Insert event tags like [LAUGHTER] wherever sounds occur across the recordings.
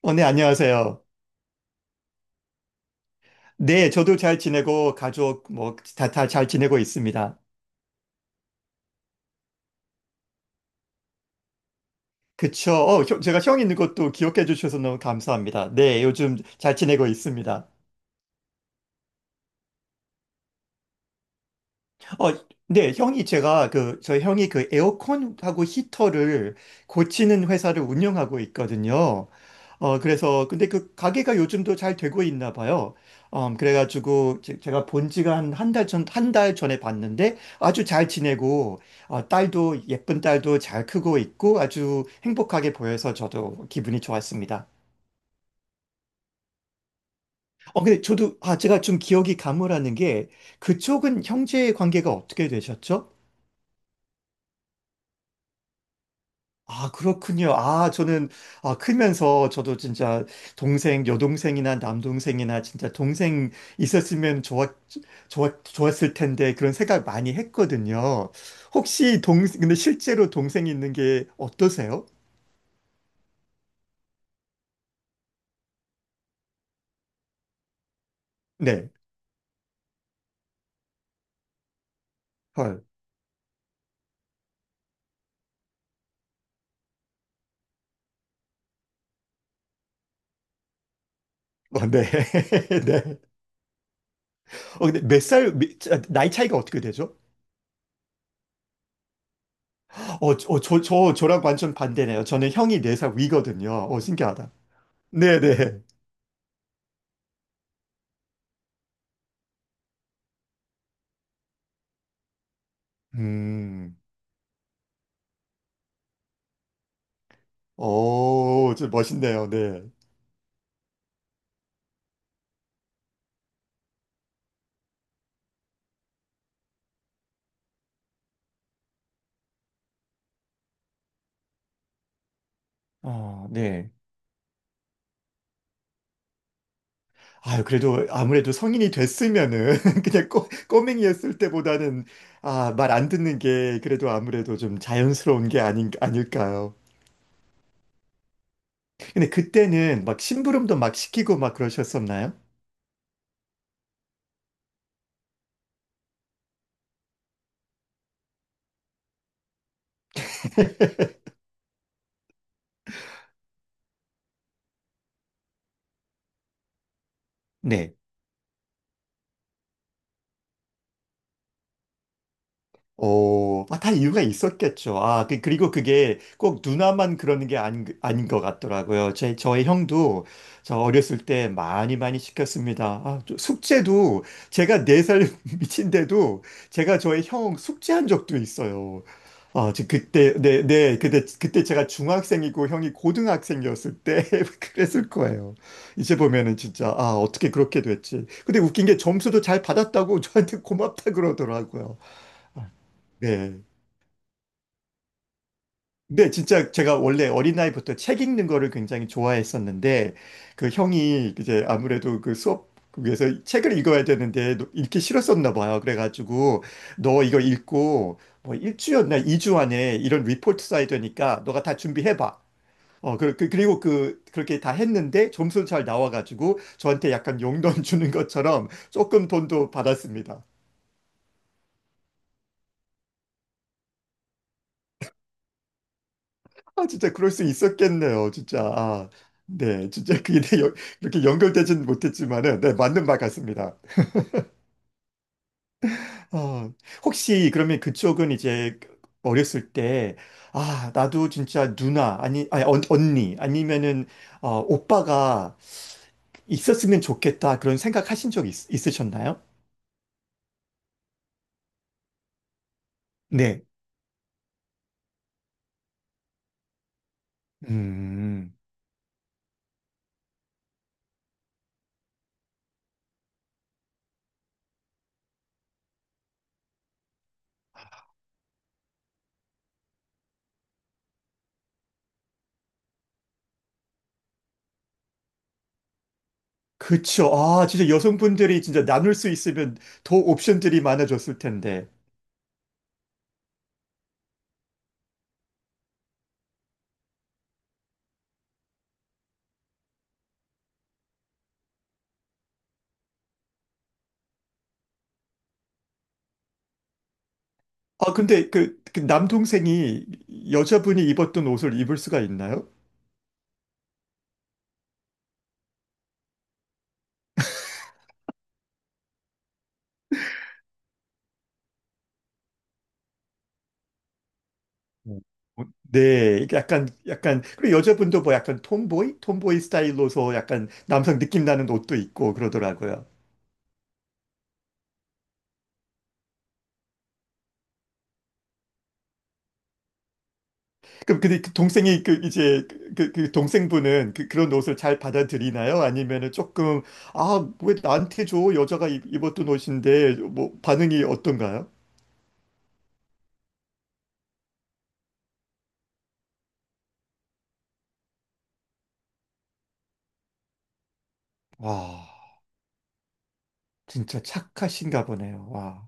네, 안녕하세요. 네, 저도 잘 지내고, 가족, 뭐, 다 잘 지내고 있습니다. 그쵸. 제가 형 있는 것도 기억해 주셔서 너무 감사합니다. 네, 요즘 잘 지내고 있습니다. 어, 네, 형이 그 에어컨하고 히터를 고치는 회사를 운영하고 있거든요. 근데 그 가게가 요즘도 잘 되고 있나 봐요. 그래가지고 제가 본 지가 한 한 달 전에 봤는데 아주 잘 지내고, 딸도, 예쁜 딸도 잘 크고 있고 아주 행복하게 보여서 저도 기분이 좋았습니다. 근데 저도, 제가 좀 기억이 가물하는 게 그쪽은 형제 관계가 어떻게 되셨죠? 아, 그렇군요. 아, 저는, 아, 크면서 저도 진짜 동생, 여동생이나 남동생이나 진짜 동생 있었으면 좋았을 텐데 그런 생각 많이 했거든요. 근데 실제로 동생이 있는 게 어떠세요? 네. 헐. 어, 네. [LAUGHS] 네. 근데 몇 살, 미- 자, 나이 차이가 어떻게 되죠? 저랑 완전 반대네요. 저는 형이 4살 위거든요. 신기하다. 네네. 음, 오, 좀 멋있네요. 네. 어, 네. 그래도 아무래도 성인이 됐으면은 [LAUGHS] 그냥 꼬맹이였을 때보다는 말 안 듣는 게 그래도 아무래도 좀 자연스러운 게 아닐까요? 근데 그때는 막 심부름도 막 시키고 막 그러셨었나요? 네. 다 이유가 있었겠죠. 아, 그리고 그게 꼭 누나만 그러는 게 아닌 것 같더라고요. 저의 형도 저 어렸을 때 많이 많이 시켰습니다. 저 숙제도 제가 4살 [LAUGHS] 미친데도 제가 저의 형 숙제한 적도 있어요. 네, 네, 그때 제가 중학생이고 형이 고등학생이었을 때 [LAUGHS] 그랬을 거예요. 이제 보면은 진짜, 어떻게 그렇게 됐지. 근데 웃긴 게 점수도 잘 받았다고 저한테 고맙다 그러더라고요. 아, 네. 근데 진짜 제가 원래 어린나이부터 책 읽는 거를 굉장히 좋아했었는데, 그 형이 이제 아무래도 그 수업 위해서 책을 읽어야 되는데 읽기 싫었었나 봐요. 그래가지고, 너 이거 읽고 뭐 일주였나 이주 안에 이런 리포트 써야 되니까 너가 다 준비해봐. 그리고 그렇게 다 했는데 점수 잘 나와가지고 저한테 약간 용돈 [LAUGHS] 주는 것처럼 조금 돈도 받았습니다. 진짜 그럴 수 있었겠네요, 진짜. 네, 진짜 그게 이렇게 연결되진 못했지만은, 네, 맞는 말 같습니다. 어, 혹시 그러면 그쪽은 이제 어렸을 때, 나도 진짜 누나, 아니, 아니, 언니, 아니면은, 오빠가 있었으면 좋겠다, 그런 생각하신 적 있으셨나요? 네. 음, 그쵸. 진짜 여성분들이 진짜 나눌 수 있으면 더 옵션들이 많아졌을 텐데. 근데 그 남동생이 여자분이 입었던 옷을 입을 수가 있나요? 음. 어, 네, 이게 약간, 그리고 여자분도 뭐 약간 톰보이 스타일로서 약간 남성 느낌 나는 옷도 있고 그러더라고요. 그럼 근데 그 동생이 그 이제 그, 그- 그 동생분은 그런 옷을 잘 받아들이나요? 아니면은 조금, 왜 나한테 줘? 여자가 입었던 옷인데, 뭐 반응이 어떤가요? 와, 진짜 착하신가 보네요. 와.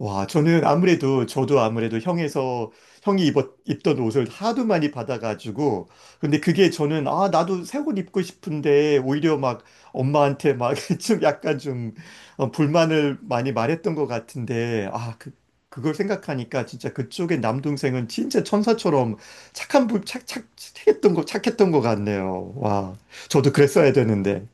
와, 저도 아무래도 형이 입던 옷을 하도 많이 받아가지고, 근데 그게 저는, 나도 새옷 입고 싶은데, 오히려 막 엄마한테 막 [LAUGHS] 좀 약간 불만을 많이 말했던 것 같은데, 그걸 생각하니까 진짜 그쪽의 남동생은 진짜 천사처럼 착한 분, 착, 착, 착했던 거, 착했던 것 같네요. 와, 저도 그랬어야 되는데.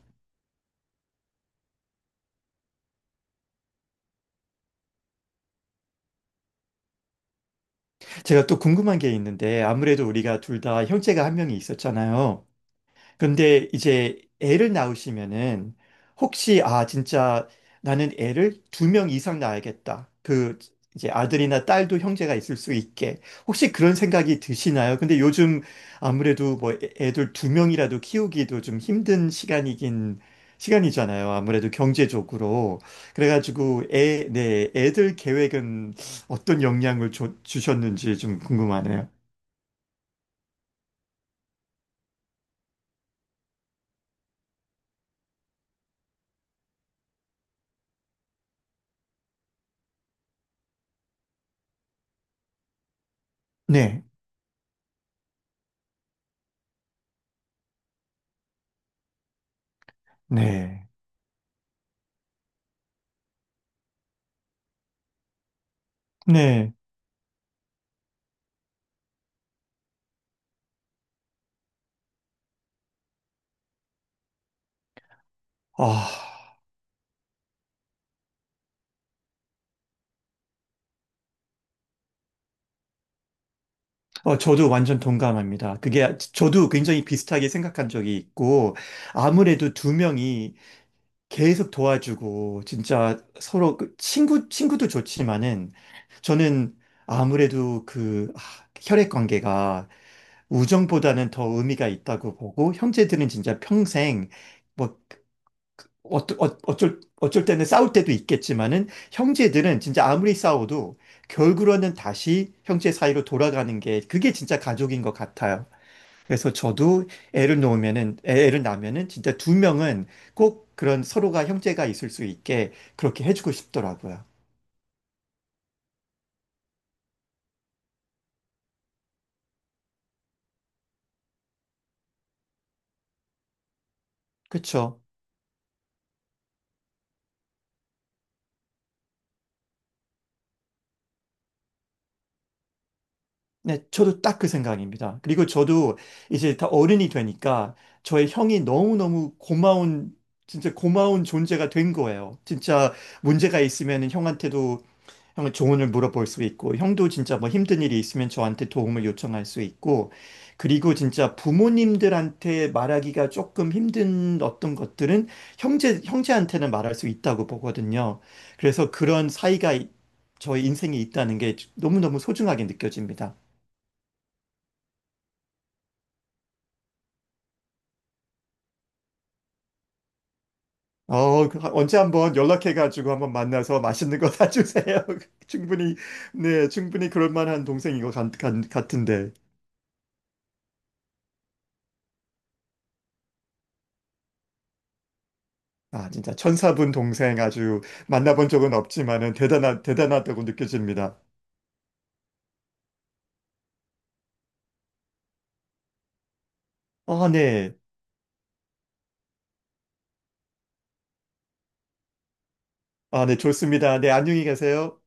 제가 또 궁금한 게 있는데, 아무래도 우리가 둘 다 형제가 한 명이 있었잖아요. 근데 이제 애를 낳으시면은 혹시 진짜 나는 애를 2명 이상 낳아야겠다. 그 이제 아들이나 딸도 형제가 있을 수 있게 혹시 그런 생각이 드시나요? 근데 요즘 아무래도 뭐 애들 두 명이라도 키우기도 좀 힘든 시간이긴 시간이잖아요. 아무래도 경제적으로. 그래가지고 네, 애들 계획은 어떤 영향을 주셨는지 좀 궁금하네요. 네, 네, 네. 아. 저도 완전 동감합니다. 그게, 저도 굉장히 비슷하게 생각한 적이 있고, 아무래도 두 명이 계속 도와주고, 진짜 서로, 친구도 좋지만은, 저는 아무래도 혈액 관계가 우정보다는 더 의미가 있다고 보고, 형제들은 진짜 평생, 뭐, 어쩔 때는 싸울 때도 있겠지만은 형제들은 진짜 아무리 싸워도 결국은 다시 형제 사이로 돌아가는 게 그게 진짜 가족인 것 같아요. 그래서 저도 애를 낳으면은 진짜 두 명은 꼭 그런 서로가 형제가 있을 수 있게 그렇게 해주고 싶더라고요. 그쵸? 네, 저도 딱 그 생각입니다. 그리고 저도 이제 다 어른이 되니까 저의 형이 너무너무 고마운, 진짜 고마운 존재가 된 거예요. 진짜 문제가 있으면 형한테도 형을 조언을 물어볼 수 있고, 형도 진짜 뭐 힘든 일이 있으면 저한테 도움을 요청할 수 있고, 그리고 진짜 부모님들한테 말하기가 조금 힘든 어떤 것들은 형제한테는 말할 수 있다고 보거든요. 그래서 그런 사이가 저의 인생에 있다는 게 너무너무 소중하게 느껴집니다. 언제 한번 연락해가지고 한번 만나서 맛있는 거 [LAUGHS] 사주세요. [LAUGHS] 충분히, 네, 충분히 그럴 만한 동생인 것 같, 은데 진짜 천사분 동생 아주 만나본 적은 없지만은 대단하다고 느껴집니다. 아, 네. 네, 좋습니다. 네, 안녕히 계세요.